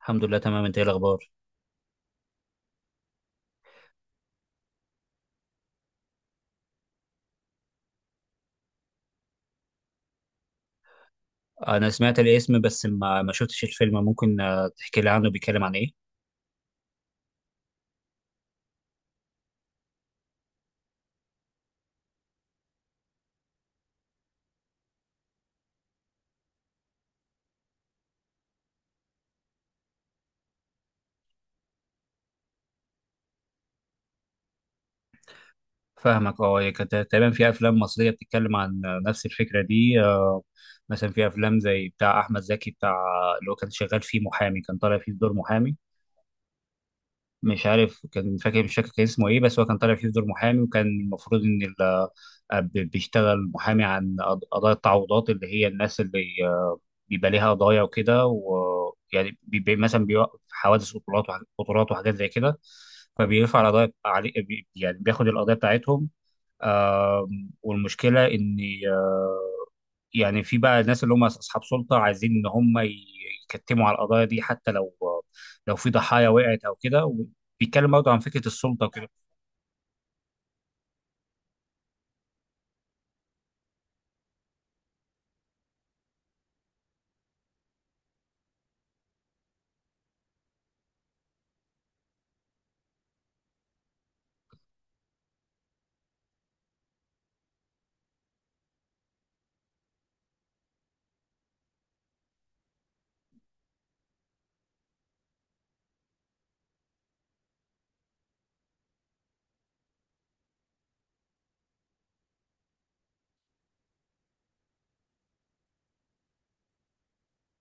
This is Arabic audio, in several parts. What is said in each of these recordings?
الحمد لله تمام. انت ايه الاخبار؟ انا سمعت الاسم، بس ما شفتش الفيلم. ممكن تحكي لي عنه؟ بيتكلم عن ايه؟ فاهمك اه. هي كانت تقريبا في افلام مصريه بتتكلم عن نفس الفكره دي. مثلا في افلام زي بتاع احمد زكي، بتاع اللي هو كان شغال فيه محامي، كان طالع فيه بدور محامي. مش عارف، كان فاكر مش فاكر كان اسمه ايه، بس هو كان طالع فيه في دور محامي، وكان المفروض ان بيشتغل محامي عن قضايا التعويضات، اللي هي الناس اللي بيبقى ليها قضايا وكده، ويعني بيبقى مثلا بيوقف حوادث قطورات قطورات وحاجات زي كده. فبيرفع القضايا علي يعني بياخد القضايا بتاعتهم. والمشكله ان آه، يعني في بقى ناس اللي هم اصحاب سلطه عايزين ان هم يكتموا على القضايا دي، حتى لو في ضحايا وقعت او كده. بيتكلم برضه عن فكره السلطه وكده.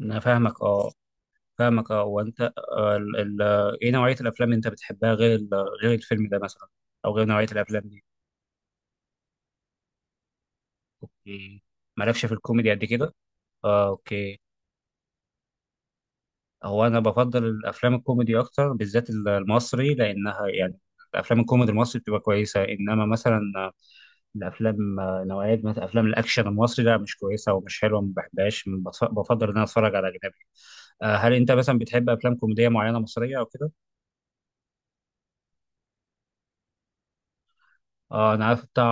انا فاهمك اه. وانت، آه، ال- ايه نوعيه الافلام اللي انت بتحبها غير غير الفيلم ده مثلا، او غير نوعيه الافلام دي؟ مالكش في الكوميدي قد كده. اوكي. هو انا بفضل الافلام الكوميدي اكتر، بالذات المصري، لانها يعني الافلام الكوميدي المصري بتبقى كويسه. انما مثلا الافلام نوعيه مثلا افلام الاكشن المصري لا، مش كويسه ومش حلوه، ما بحبهاش. بفضل ان انا اتفرج على اجنبي. هل انت مثلا بتحب افلام كوميديه معينه مصريه او كده؟ انا عارف بتاع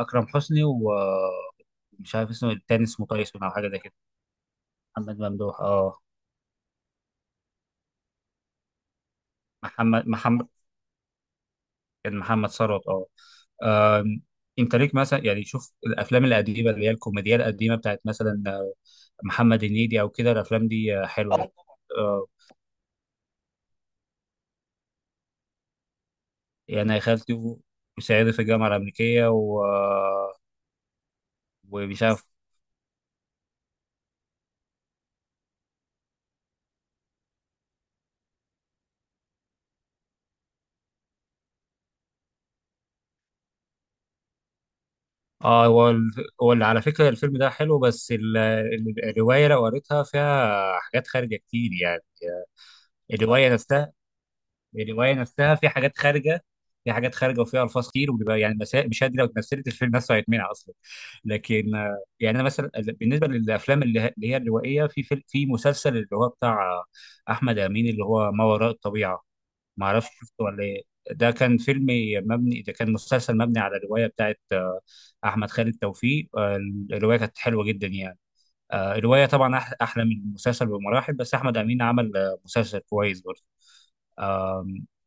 اكرم حسني. ومش عارف اسمه إيه، التاني اسمه تايسون او حاجه زي كده. محمد ممدوح، اه. محمد، كان محمد ثروت، اه. آم، انت ليك مثلا، يعني شوف الافلام القديمه اللي هي الكوميديا القديمه بتاعت مثلا محمد هنيدي او كده، الافلام دي حلوه، اه. يعني يعني يا خالتي وصعيدي في الجامعه الامريكيه و آه، ومش عارف، اه. هو هو اللي على فكره الفيلم ده حلو، بس الروايه لو قريتها فيها حاجات خارجه كتير يعني. الروايه نفسها، يعني الروايه نفسها في حاجات خارجه، في حاجات خارجه، وفيها الفاظ كتير، وبيبقى يعني المشاهد دي لو اتمثلت الفيلم نفسه هيتمنع اصلا. لكن يعني انا مثلا بالنسبه للافلام اللي هي الروائيه، في فيلم، في مسلسل اللي هو بتاع احمد امين، اللي هو ما وراء الطبيعه. ما اعرفش شفته ولا ايه؟ ده كان فيلم ده كان مسلسل مبني على روايه بتاعت احمد خالد توفيق. الروايه كانت حلوه جدا يعني. الروايه طبعا احلى من المسلسل بمراحل، بس احمد امين عمل مسلسل كويس برضه.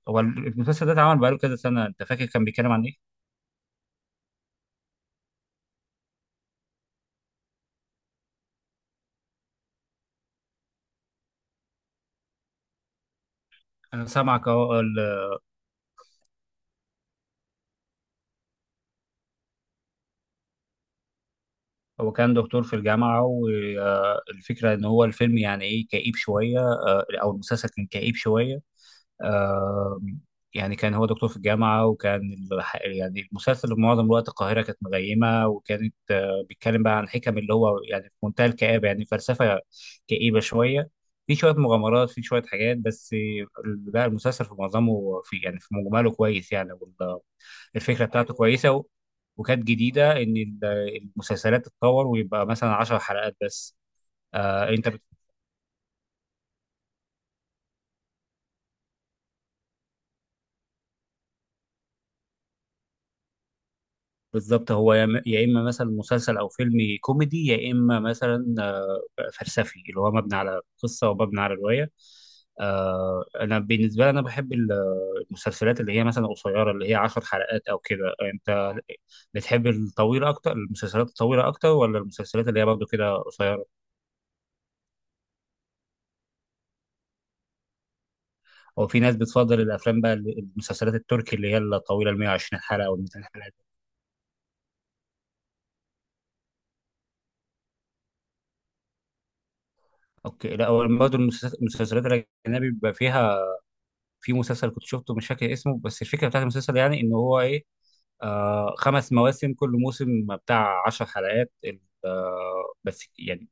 هو المسلسل ده اتعمل بقاله كذا سنة. انت فاكر كان بيتكلم عن ايه؟ انا سامعك اهو. هو كان دكتور في الجامعة، والفكرة ان هو الفيلم يعني ايه، كئيب شوية، او المسلسل كان كئيب شوية. آه، يعني كان هو دكتور في الجامعة، وكان يعني المسلسل معظم الوقت القاهرة كانت مغيمة، وكانت بيتكلم بقى عن حكم اللي هو يعني في منتهى الكآبة، يعني فلسفة كئيبة شوية. في شوية مغامرات، في شوية حاجات، بس لا، المسلسل في معظمه، في يعني في مجمله كويس يعني. الفكره بتاعته كويسه. و... وكانت جديده ان المسلسلات تتطور، ويبقى مثلا 10 حلقات بس. آه انت بت- بالظبط. هو يا اما مثلا مسلسل او فيلم كوميدي، يا اما مثلا فلسفي، اللي هو مبني على قصه ومبني على روايه. انا بالنسبه لي انا بحب المسلسلات اللي هي مثلا قصيره، اللي هي 10 حلقات او كده. انت بتحب الطويله اكتر؟ المسلسلات الطويله اكتر، ولا المسلسلات اللي هي برضه كده قصيره؟ هو في ناس بتفضل الافلام بقى، المسلسلات التركي اللي هي الطويله، ال 120 حلقه او 200 حلقه دي. اوكي. لا، هو برضه المسلسلات الاجنبي بيبقى فيها، في مسلسل كنت شفته مش فاكر اسمه، بس الفكره بتاعت المسلسل يعني ان هو ايه، خمس مواسم، كل موسم بتاع 10 حلقات. بس يعني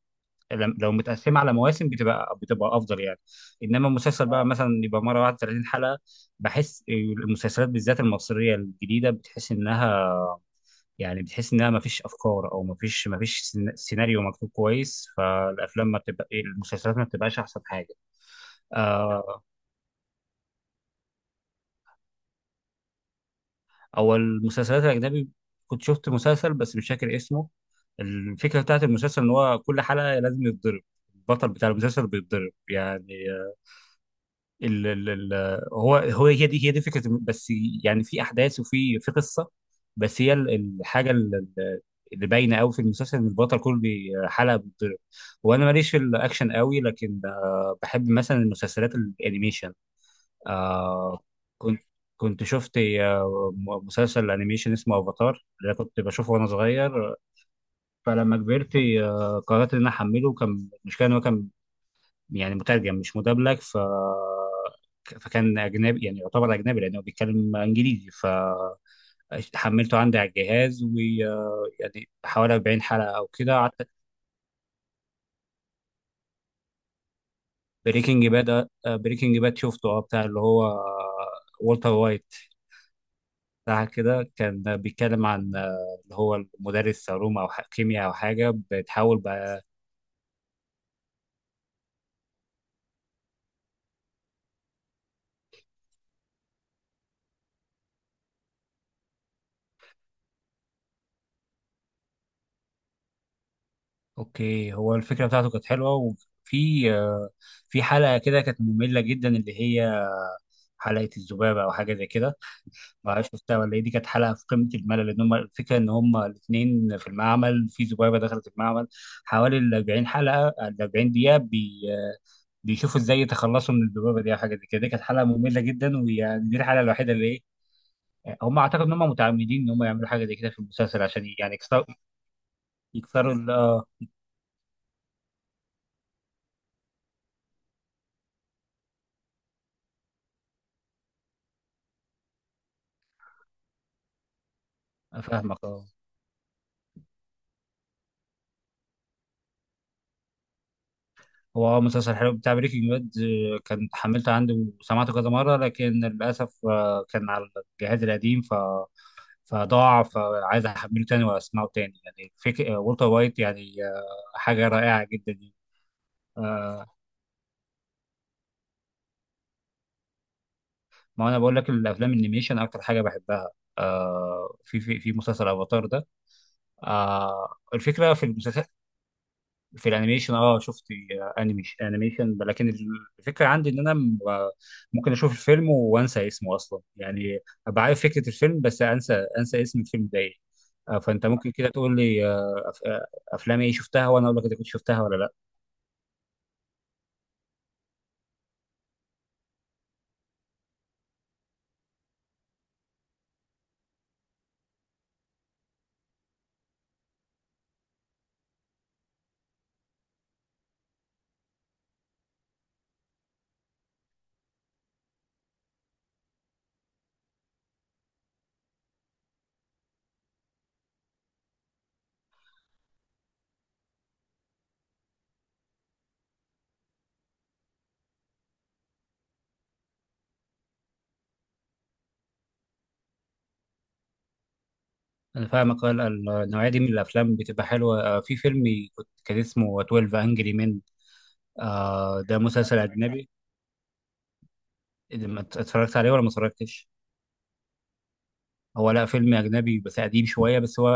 لو متقسمه على مواسم بتبقى افضل يعني. انما المسلسل بقى مثلا يبقى مره واحده 30 حلقه. بحس المسلسلات بالذات المصريه الجديده بتحس انها، يعني بتحس انها ما فيش افكار، او ما فيش سيناريو مكتوب كويس. فالافلام ما بتبقى المسلسلات ما بتبقاش احسن حاجه. آه، او المسلسلات الاجنبي، كنت شفت مسلسل بس مش فاكر اسمه. الفكره بتاعت المسلسل ان هو كل حلقه لازم يتضرب البطل بتاع المسلسل، بيتضرب يعني. ال ال ال هو هو هي دي فكره بس يعني في احداث، وفي قصه. بس هي الحاجه اللي باينه قوي في المسلسل ان البطل كل حلقه بيتضرب. وانا ماليش في الاكشن قوي، لكن بحب مثلا المسلسلات الانيميشن. آه كنت كنت شفت مسلسل انيميشن اسمه افاتار، اللي أنا كنت بشوفه وانا صغير. فلما كبرت قررت ان انا احمله. كان مش كان هو كان يعني مترجم مش مدبلج، فكان اجنبي، يعني يعتبر اجنبي لانه بيتكلم انجليزي. فحملته عندي على الجهاز، ويعني حوالي 40 حلقه او كده قعدت. بريكنج باد شفته، اه، بتاع اللي هو والتر وايت، بتاع كده. كان بيتكلم عن اللي هو المدرس علوم او كيمياء او حاجه، بتحاول بقى. اوكي، هو الفكره بتاعته كانت حلوه، وفي في حلقه كده كانت ممله جدا، اللي هي حلقه الذبابه او حاجه زي كده. ما عرفش مستوى ولا ايه. دي كانت حلقه في قمه الملل، لان هم الفكره ان هم الاثنين في المعمل، في ذبابه دخلت المعمل حوالي ال 40 حلقه، ال 40 دقيقه بيشوفوا ازاي يتخلصوا من الذبابه دي او حاجه زي كده. دي كانت حلقه ممله جدا، ويعني دي الحلقه الوحيده اللي ايه، هم اعتقد ان هم متعمدين ان هم يعملوا حاجه زي كده في المسلسل، عشان يعني يكسروا يكسروا ال- فاهمك اه. هو اه مسلسل حلو بتاع بريكنج باد. كان حملته عندي وسمعته كذا مره، لكن للاسف كان على الجهاز القديم فضاع. فعايز احمله تاني واسمعه تاني، يعني فيك والتر وايت، يعني حاجه رائعه جدا يعني. آه، ما انا بقول لك الافلام الانيميشن اكتر حاجه بحبها. في مسلسل افاتار ده، الفكره في المسلسل، في الانيميشن، اه. شفت انيميشن، لكن الفكره عندي ان انا ممكن اشوف الفيلم وانسى اسمه اصلا يعني. ابقى عارف فكره الفيلم، بس انسى اسم الفيلم ده ايه. فانت ممكن كده تقول لي افلام ايه شفتها، وانا اقول لك اذا كنت شفتها ولا لا. انا فاهمك. النوعيه دي من الافلام بتبقى حلوه. في فيلم كان اسمه 12 انجري مان. ده مسلسل اجنبي، إذا ما ات- اتفرجت عليه ولا ما اتفرجتش؟ هو، لا، فيلم اجنبي بس قديم شويه. بس هو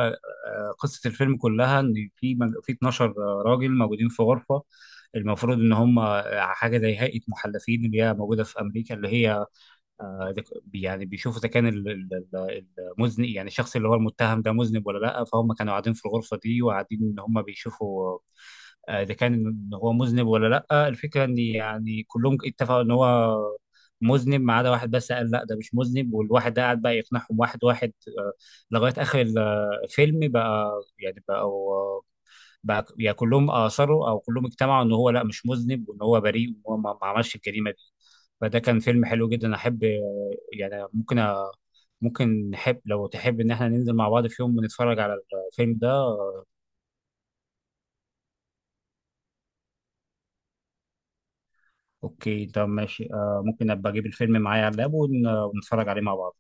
قصه الفيلم كلها ان في في 12 راجل موجودين في غرفه، المفروض ان هم حاجه زي هيئه محلفين اللي هي موجوده في امريكا، اللي هي إذا يعني بيشوفوا اذا كان المذنب، يعني الشخص اللي هو المتهم ده مذنب ولا لا. فهم كانوا قاعدين في الغرفه دي، وقاعدين ان هم بيشوفوا اذا كان ان هو مذنب ولا لا. الفكره ان يعني كلهم اتفقوا ان هو مذنب، ما عدا واحد بس قال لا ده مش مذنب، والواحد ده قاعد بقى يقنعهم واحد واحد آه، لغايه اخر الفيلم بقى، يعني بقوا، بقى يعني كلهم اثروا او كلهم اجتمعوا ان هو لا مش مذنب، وان هو بريء، وان هو ما عملش الجريمه. فده كان فيلم حلو جدا. احب يعني ممكن نحب لو تحب ان احنا ننزل مع بعض في يوم، ونتفرج على الفيلم ده. اوكي، طب ماشي. ممكن ابقى اجيب الفيلم معايا على اللاب، ونتفرج عليه مع بعض.